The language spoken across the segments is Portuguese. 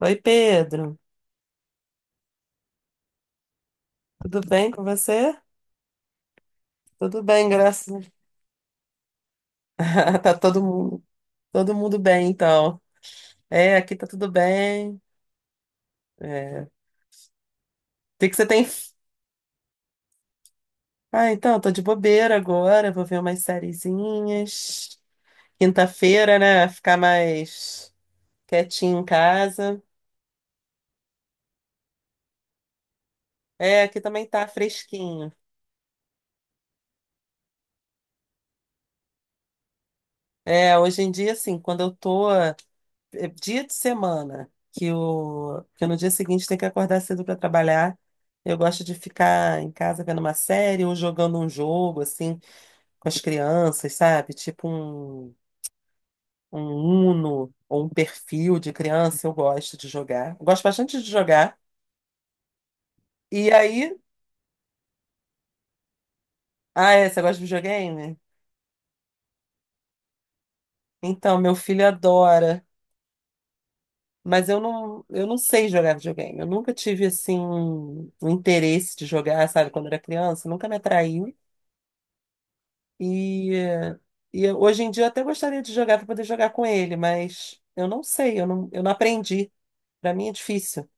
Oi, Pedro. Tudo bem com você? Tudo bem, graças a Tá todo mundo bem, então. É, aqui tá tudo bem. É. O que que você tem? Ah, então, tô de bobeira agora, vou ver umas sériezinhas. Quinta-feira, né? Ficar mais quietinho em casa. É, aqui também tá fresquinho. É, hoje em dia, assim, quando eu tô é dia de semana, que, o, que no dia seguinte tem que acordar cedo para trabalhar, eu gosto de ficar em casa vendo uma série ou jogando um jogo, assim, com as crianças, sabe? Tipo um Uno ou um perfil de criança, eu gosto de jogar. Eu gosto bastante de jogar. E aí. Ah, é, você gosta de videogame? Então, meu filho adora. Mas eu não sei jogar videogame. Eu nunca tive, assim, um interesse de jogar, sabe? Quando era criança, nunca me atraiu. E, eh, Hoje em dia eu até gostaria de jogar para poder jogar com ele, mas eu não sei, eu não aprendi. Para mim é difícil.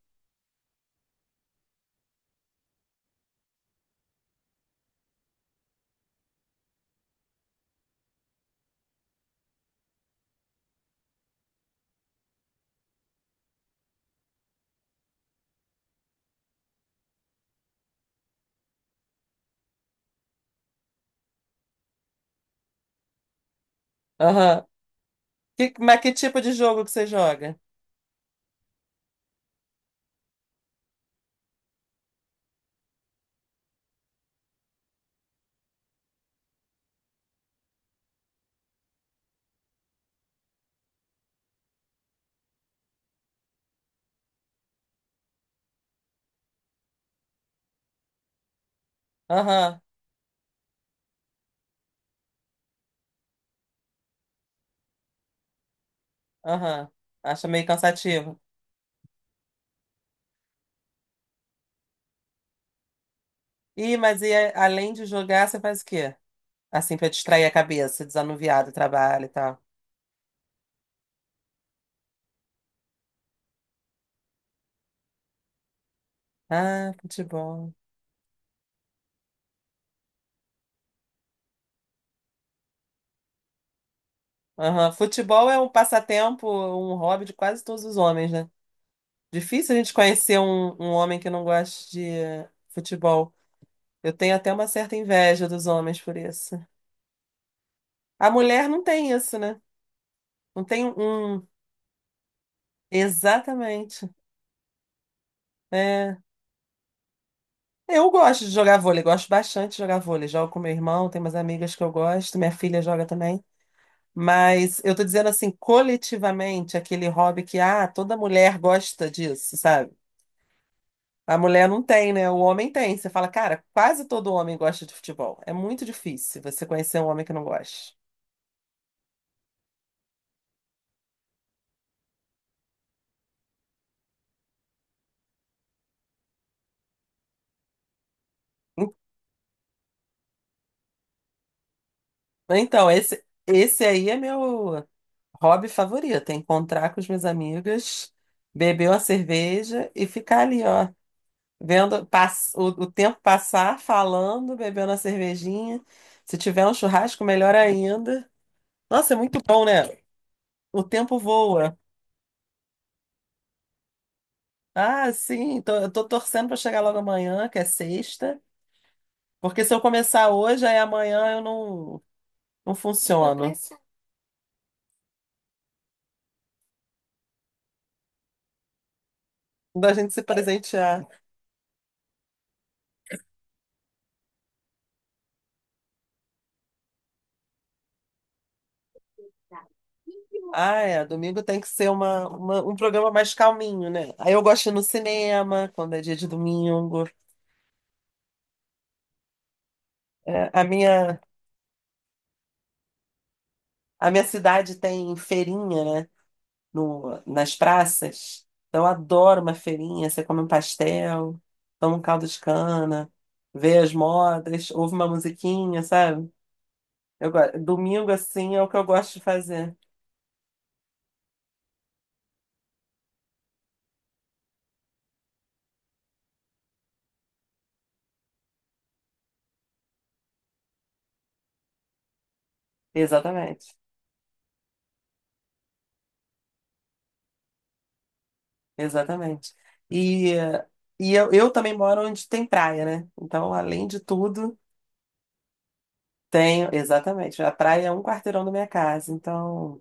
Aham. Mas que tipo de jogo que você joga? Aham, aham. Acha meio cansativo. Ih, mas e além de jogar, você faz o quê? Assim, para distrair a cabeça, desanuviar do trabalho e tal. Ah, futebol. Aham. Futebol é um passatempo, um hobby de quase todos os homens, né? Difícil a gente conhecer um homem que não goste de futebol. Eu tenho até uma certa inveja dos homens por isso. A mulher não tem isso, né? Não tem um. Exatamente. É. Eu gosto de jogar vôlei, gosto bastante de jogar vôlei. Jogo com meu irmão, tenho umas amigas que eu gosto, minha filha joga também. Mas eu tô dizendo assim, coletivamente, aquele hobby que, ah, toda mulher gosta disso, sabe? A mulher não tem, né? O homem tem. Você fala, cara, quase todo homem gosta de futebol. É muito difícil você conhecer um homem que não gosta. Então, esse aí é meu. Hobby favorito é encontrar com as minhas amigas, beber uma cerveja e ficar ali, ó, vendo o tempo passar, falando, bebendo a cervejinha. Se tiver um churrasco, melhor ainda. Nossa, é muito bom, né? O tempo voa. Ah, sim, tô, eu tô torcendo para chegar logo amanhã, que é sexta, porque se eu começar hoje, aí amanhã eu não, não funciono. Da gente se presentear. Ah, é. Domingo tem que ser um programa mais calminho, né? Aí eu gosto de ir no cinema, quando é dia de domingo. É, a minha cidade tem feirinha, né? No, nas praças. Então eu adoro uma feirinha. Você come um pastel, toma um caldo de cana, vê as modas, ouve uma musiquinha, sabe? Domingo, assim, é o que eu gosto de fazer. Exatamente. Exatamente. E, e eu também moro onde tem praia, né? Então, além de tudo. Tenho, exatamente. A praia é um quarteirão da minha casa, então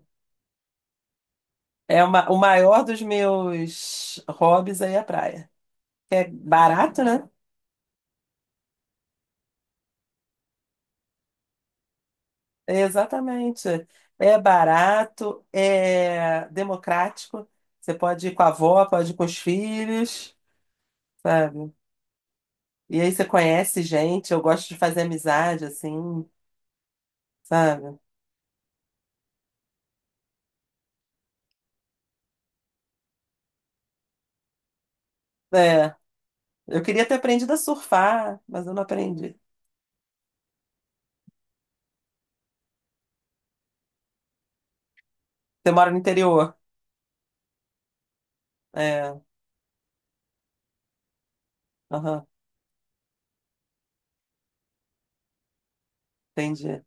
é uma, o maior dos meus hobbies aí é a praia. É barato, né? Exatamente. É barato, é democrático. Você pode ir com a avó, pode ir com os filhos, sabe? E aí você conhece gente, eu gosto de fazer amizade, assim, sabe? É. Eu queria ter aprendido a surfar, mas eu não aprendi. Você mora no interior. É, aham, entendi.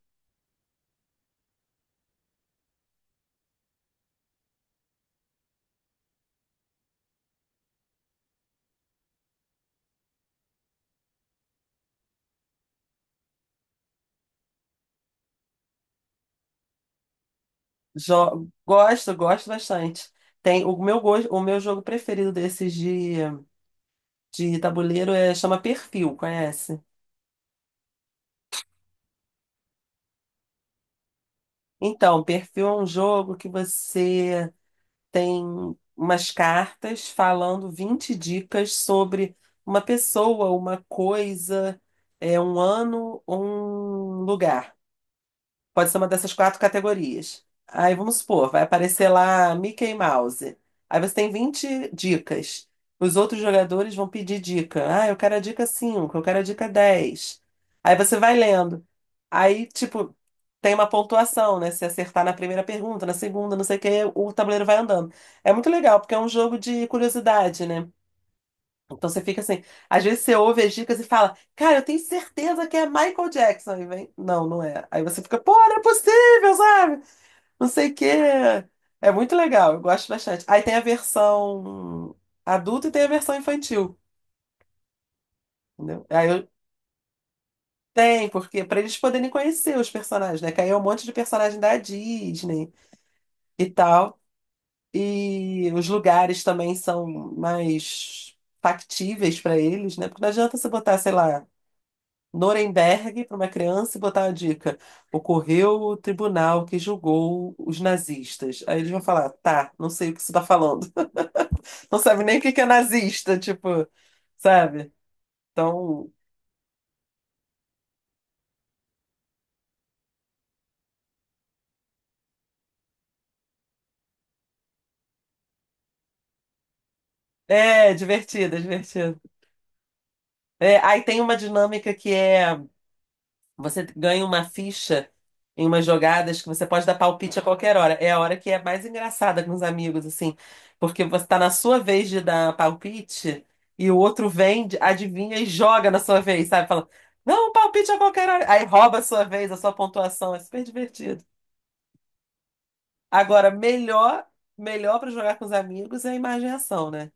Gosto, gosto bastante. Tem o meu jogo preferido desses de, tabuleiro é chama Perfil, conhece? Então, Perfil é um jogo que você tem umas cartas falando 20 dicas sobre uma pessoa, uma coisa, é um ano, um lugar. Pode ser uma dessas quatro categorias. Aí vamos supor, vai aparecer lá Mickey Mouse. Aí você tem 20 dicas. Os outros jogadores vão pedir dica. Ah, eu quero a dica 5. Eu quero a dica 10. Aí você vai lendo. Aí, tipo, tem uma pontuação, né? Se acertar na primeira pergunta, na segunda, não sei o quê, o tabuleiro vai andando. É muito legal, porque é um jogo de curiosidade, né? Então você fica assim, às vezes você ouve as dicas e fala, cara, eu tenho certeza que é Michael Jackson. E vem, não, não é. Aí você fica, pô, não é possível, sabe? Não sei o quê. É muito legal, eu gosto bastante. Aí tem a versão adulta e tem a versão infantil, entendeu? Aí eu tem, porque para eles poderem conhecer os personagens, né? Que aí é um monte de personagem da Disney e tal. E os lugares também são mais factíveis para eles, né? Porque não adianta você botar, sei lá. Nuremberg para uma criança e botar uma dica. Ocorreu o tribunal que julgou os nazistas. Aí eles vão falar, tá, não sei o que você tá falando. Não sabe nem o que que é nazista, tipo, sabe? Então, é divertido, é divertido. É, aí tem uma dinâmica que é. Você ganha uma ficha em umas jogadas que você pode dar palpite a qualquer hora. É a hora que é mais engraçada com os amigos, assim, porque você tá na sua vez de dar palpite e o outro vem, adivinha e joga na sua vez, sabe? Fala, não, um palpite a qualquer hora. Aí rouba a sua vez, a sua pontuação. É super divertido. Agora, melhor, melhor para jogar com os amigos é a imagem e ação, né?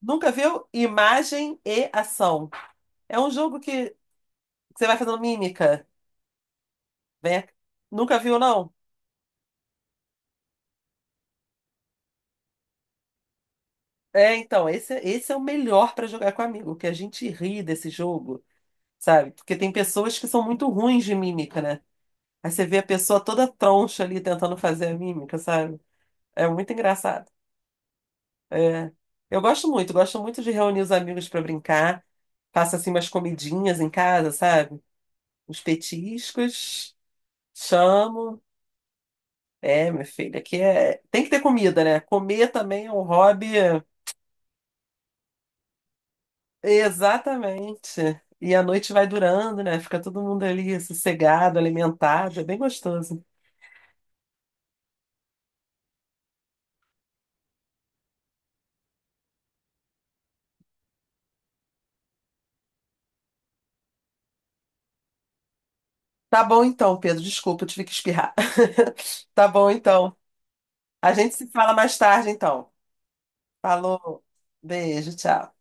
Nunca viu? Imagem e ação. É um jogo que você vai fazendo mímica. Vem, nunca viu, não? É, então, esse é o melhor pra jogar com amigo, que a gente ri desse jogo, sabe? Porque tem pessoas que são muito ruins de mímica, né? Aí você vê a pessoa toda troncha ali tentando fazer a mímica, sabe? É muito engraçado. É. Eu gosto muito de reunir os amigos pra brincar. Faço assim umas comidinhas em casa, sabe? Uns petiscos, chamo. É, minha filha, aqui é. Tem que ter comida, né? Comer também é um hobby. Exatamente. E a noite vai durando, né? Fica todo mundo ali sossegado, alimentado, é bem gostoso. Tá bom então, Pedro, desculpa, eu tive que espirrar. Tá bom então. A gente se fala mais tarde então. Falou. Beijo, tchau.